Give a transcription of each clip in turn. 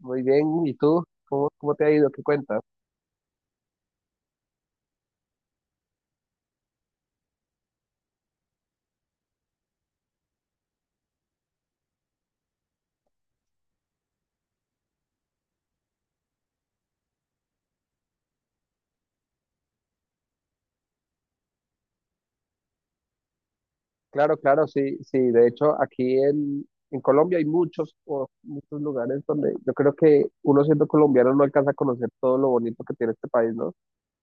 Muy bien, ¿y tú? ¿Cómo te ha ido? ¿Qué cuentas? Claro, claro, sí, sí. De hecho, en Colombia hay muchos, o muchos lugares donde yo creo que uno siendo colombiano no alcanza a conocer todo lo bonito que tiene este país, ¿no?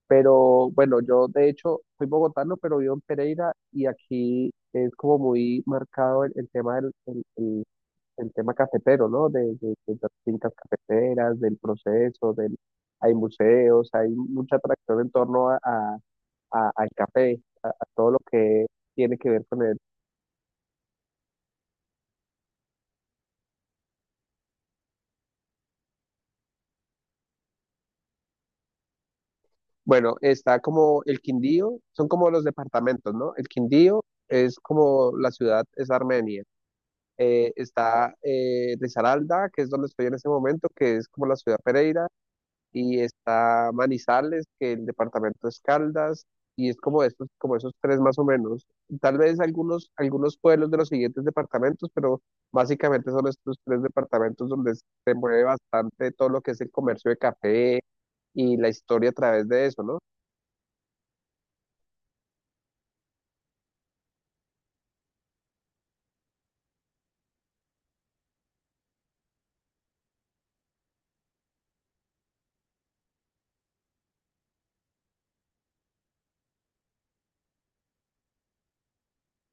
Pero bueno, yo de hecho soy bogotano, pero vivo en Pereira y aquí es como muy marcado el tema del el tema cafetero, ¿no? De las fincas cafeteras, del proceso, del, hay museos, hay mucha atracción en torno al café, a todo lo que tiene que ver con él. Bueno, está como el Quindío, son como los departamentos, ¿no? El Quindío es como la ciudad, es Armenia. Está Risaralda, que es donde estoy en ese momento, que es como la ciudad Pereira. Y está Manizales, que el departamento es Caldas, y es como estos como esos tres más o menos. Tal vez algunos, algunos pueblos de los siguientes departamentos, pero básicamente son estos tres departamentos donde se mueve bastante todo lo que es el comercio de café y la historia a través de eso, ¿no?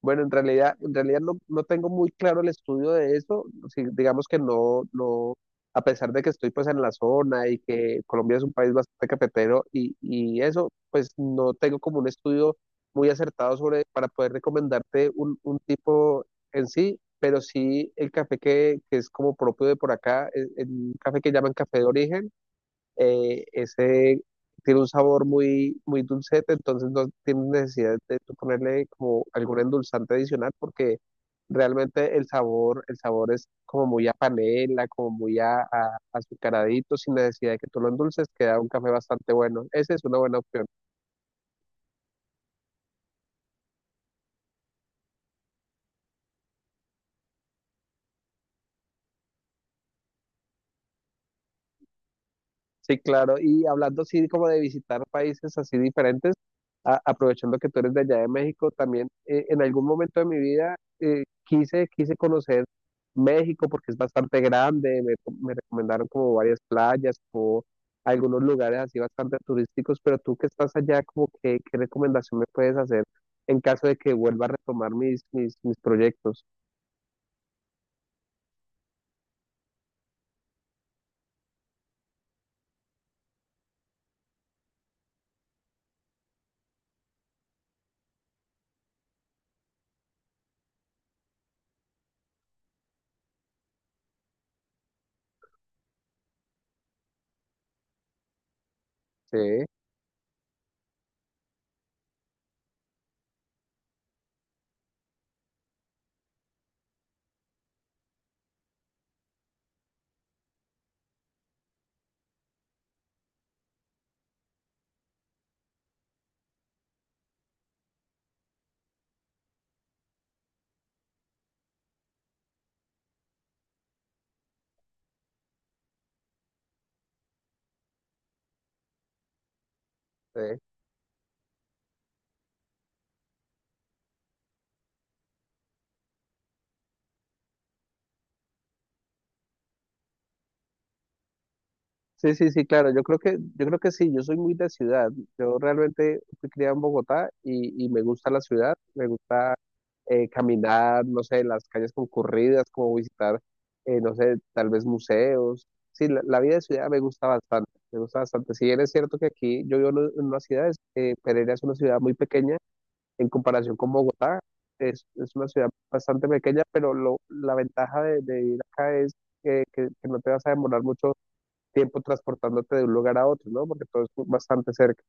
Bueno, en realidad no, no tengo muy claro el estudio de eso. Sí, digamos que no, no, a pesar de que estoy pues en la zona y que Colombia es un país bastante cafetero y eso, pues no tengo como un estudio muy acertado sobre para poder recomendarte un tipo en sí, pero sí el café que es como propio de por acá, es, el café que llaman café de origen. Ese tiene un sabor muy, muy dulcete, entonces no tienes necesidad de tú ponerle como algún endulzante adicional porque realmente el sabor es como muy a panela, como muy azucaradito, sin necesidad de que tú lo endulces, queda un café bastante bueno. Esa es una buena opción. Sí, claro. Y hablando así como de visitar países así diferentes, aprovechando que tú eres de allá de México, también en algún momento de mi vida quise conocer México porque es bastante grande, me recomendaron como varias playas, como algunos lugares así bastante turísticos, pero tú que estás allá, como que, ¿qué recomendación me puedes hacer en caso de que vuelva a retomar mis proyectos? Sí, sí. Sí, sí, sí, claro. Yo creo que sí, yo soy muy de ciudad. Yo realmente fui criado en Bogotá y me gusta la ciudad, me gusta caminar, no sé, las calles concurridas, como visitar, no sé, tal vez museos. Sí, la vida de ciudad me gusta bastante, me gusta bastante. Si bien es cierto que aquí yo vivo en en una ciudad, Pereira es una ciudad muy pequeña en comparación con Bogotá. Es una ciudad bastante pequeña, pero lo, la ventaja de vivir acá es que, que no te vas a demorar mucho tiempo transportándote de un lugar a otro, ¿no? Porque todo es bastante cerca.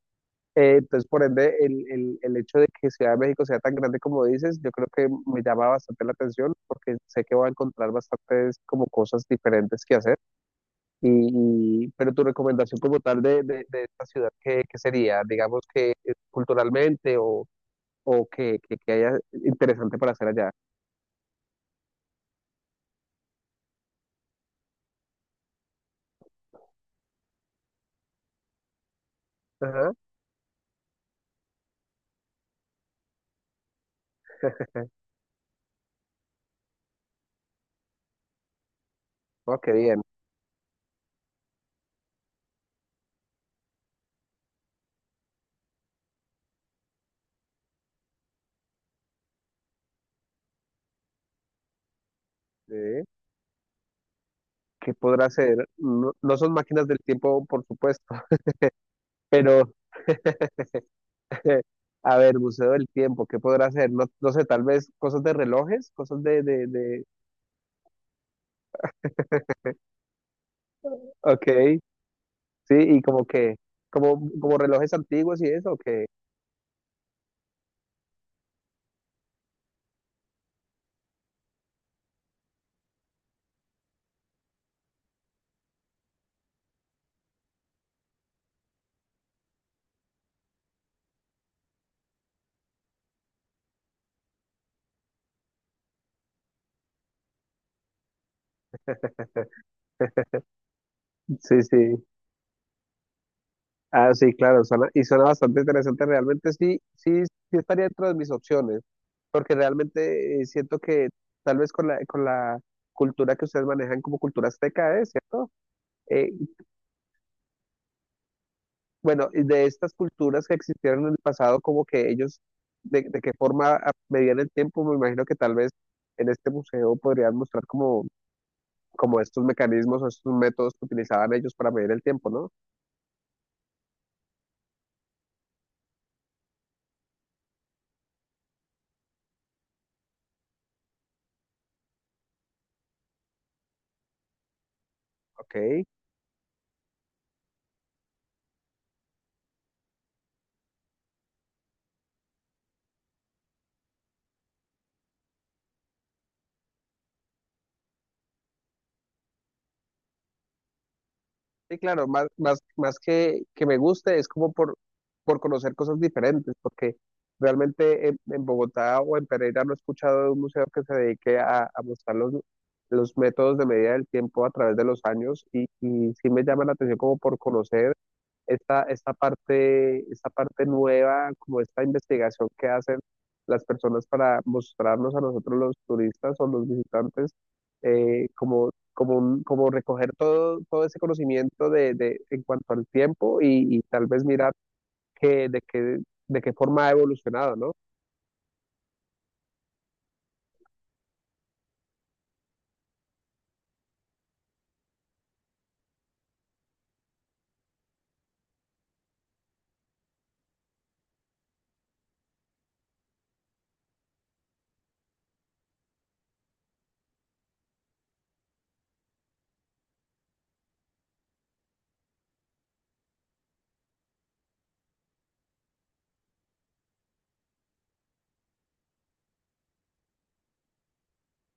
Entonces, por ende, el hecho de que Ciudad de México sea tan grande como dices, yo creo que me llama bastante la atención porque sé que voy a encontrar bastantes como cosas diferentes que hacer. Pero tu recomendación como tal de esta ciudad, ¿qué, qué sería? Digamos que culturalmente o que, que haya interesante para hacer allá. Ajá, oh, qué bien. Eh, ¿Qué podrá hacer? No, no son máquinas del tiempo, por supuesto, pero... A ver, Museo del Tiempo, ¿qué podrá hacer? No, no sé, tal vez cosas de relojes, cosas de... Ok, sí, y como que, como, como relojes antiguos y eso, que... Sí, sí. Ah, sí, claro, suena, y suena bastante interesante. Realmente sí, sí, sí estaría dentro de mis opciones, porque realmente siento que tal vez con la cultura que ustedes manejan como cultura azteca, ¿eh? ¿Cierto? Eh, bueno, y de estas culturas que existieron en el pasado, como que ellos, de qué forma medían el tiempo, me imagino que tal vez en este museo podrían mostrar como, como estos mecanismos o estos métodos que utilizaban ellos para medir el tiempo, ¿no? Ok. Sí, claro, más, más, más que me guste es como por conocer cosas diferentes, porque realmente en Bogotá o en Pereira no he escuchado de un museo que se dedique a mostrar los métodos de medida del tiempo a través de los años y sí me llama la atención como por conocer esta, esta parte nueva, como esta investigación que hacen las personas para mostrarnos a nosotros los turistas o los visitantes, como, como, como recoger todo, todo ese conocimiento de, en cuanto al tiempo y tal vez mirar que, de qué forma ha evolucionado, ¿no?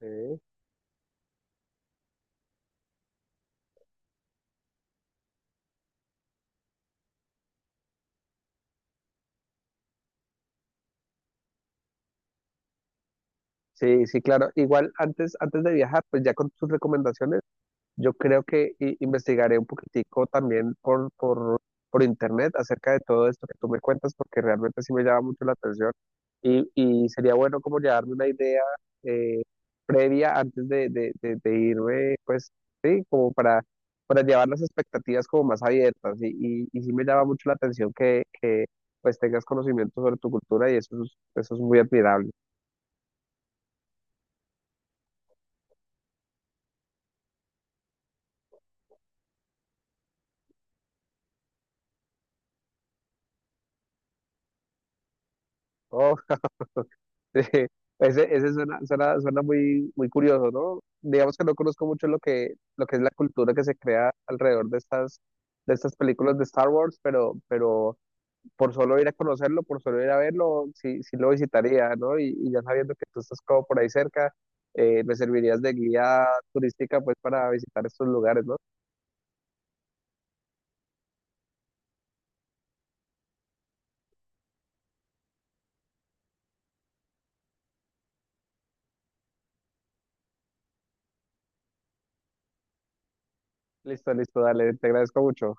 Sí. Sí, sí, claro. Igual antes, antes de viajar, pues ya con tus recomendaciones. Yo creo que investigaré un poquitico también por internet acerca de todo esto que tú me cuentas, porque realmente sí me llama mucho la atención y sería bueno como llevarme una idea eh, previa antes de irme, pues sí, como para llevar las expectativas como más abiertas y sí me llama mucho la atención que pues tengas conocimiento sobre tu cultura y eso es muy admirable. Oh, sí, ese suena, suena, suena muy, muy curioso, ¿no? Digamos que no conozco mucho lo que es la cultura que se crea alrededor de estas películas de Star Wars, pero por solo ir a conocerlo, por solo ir a verlo, sí, sí lo visitaría, ¿no? Y ya sabiendo que tú estás como por ahí cerca, me servirías de guía turística pues para visitar estos lugares, ¿no? Listo, listo, dale, te agradezco mucho.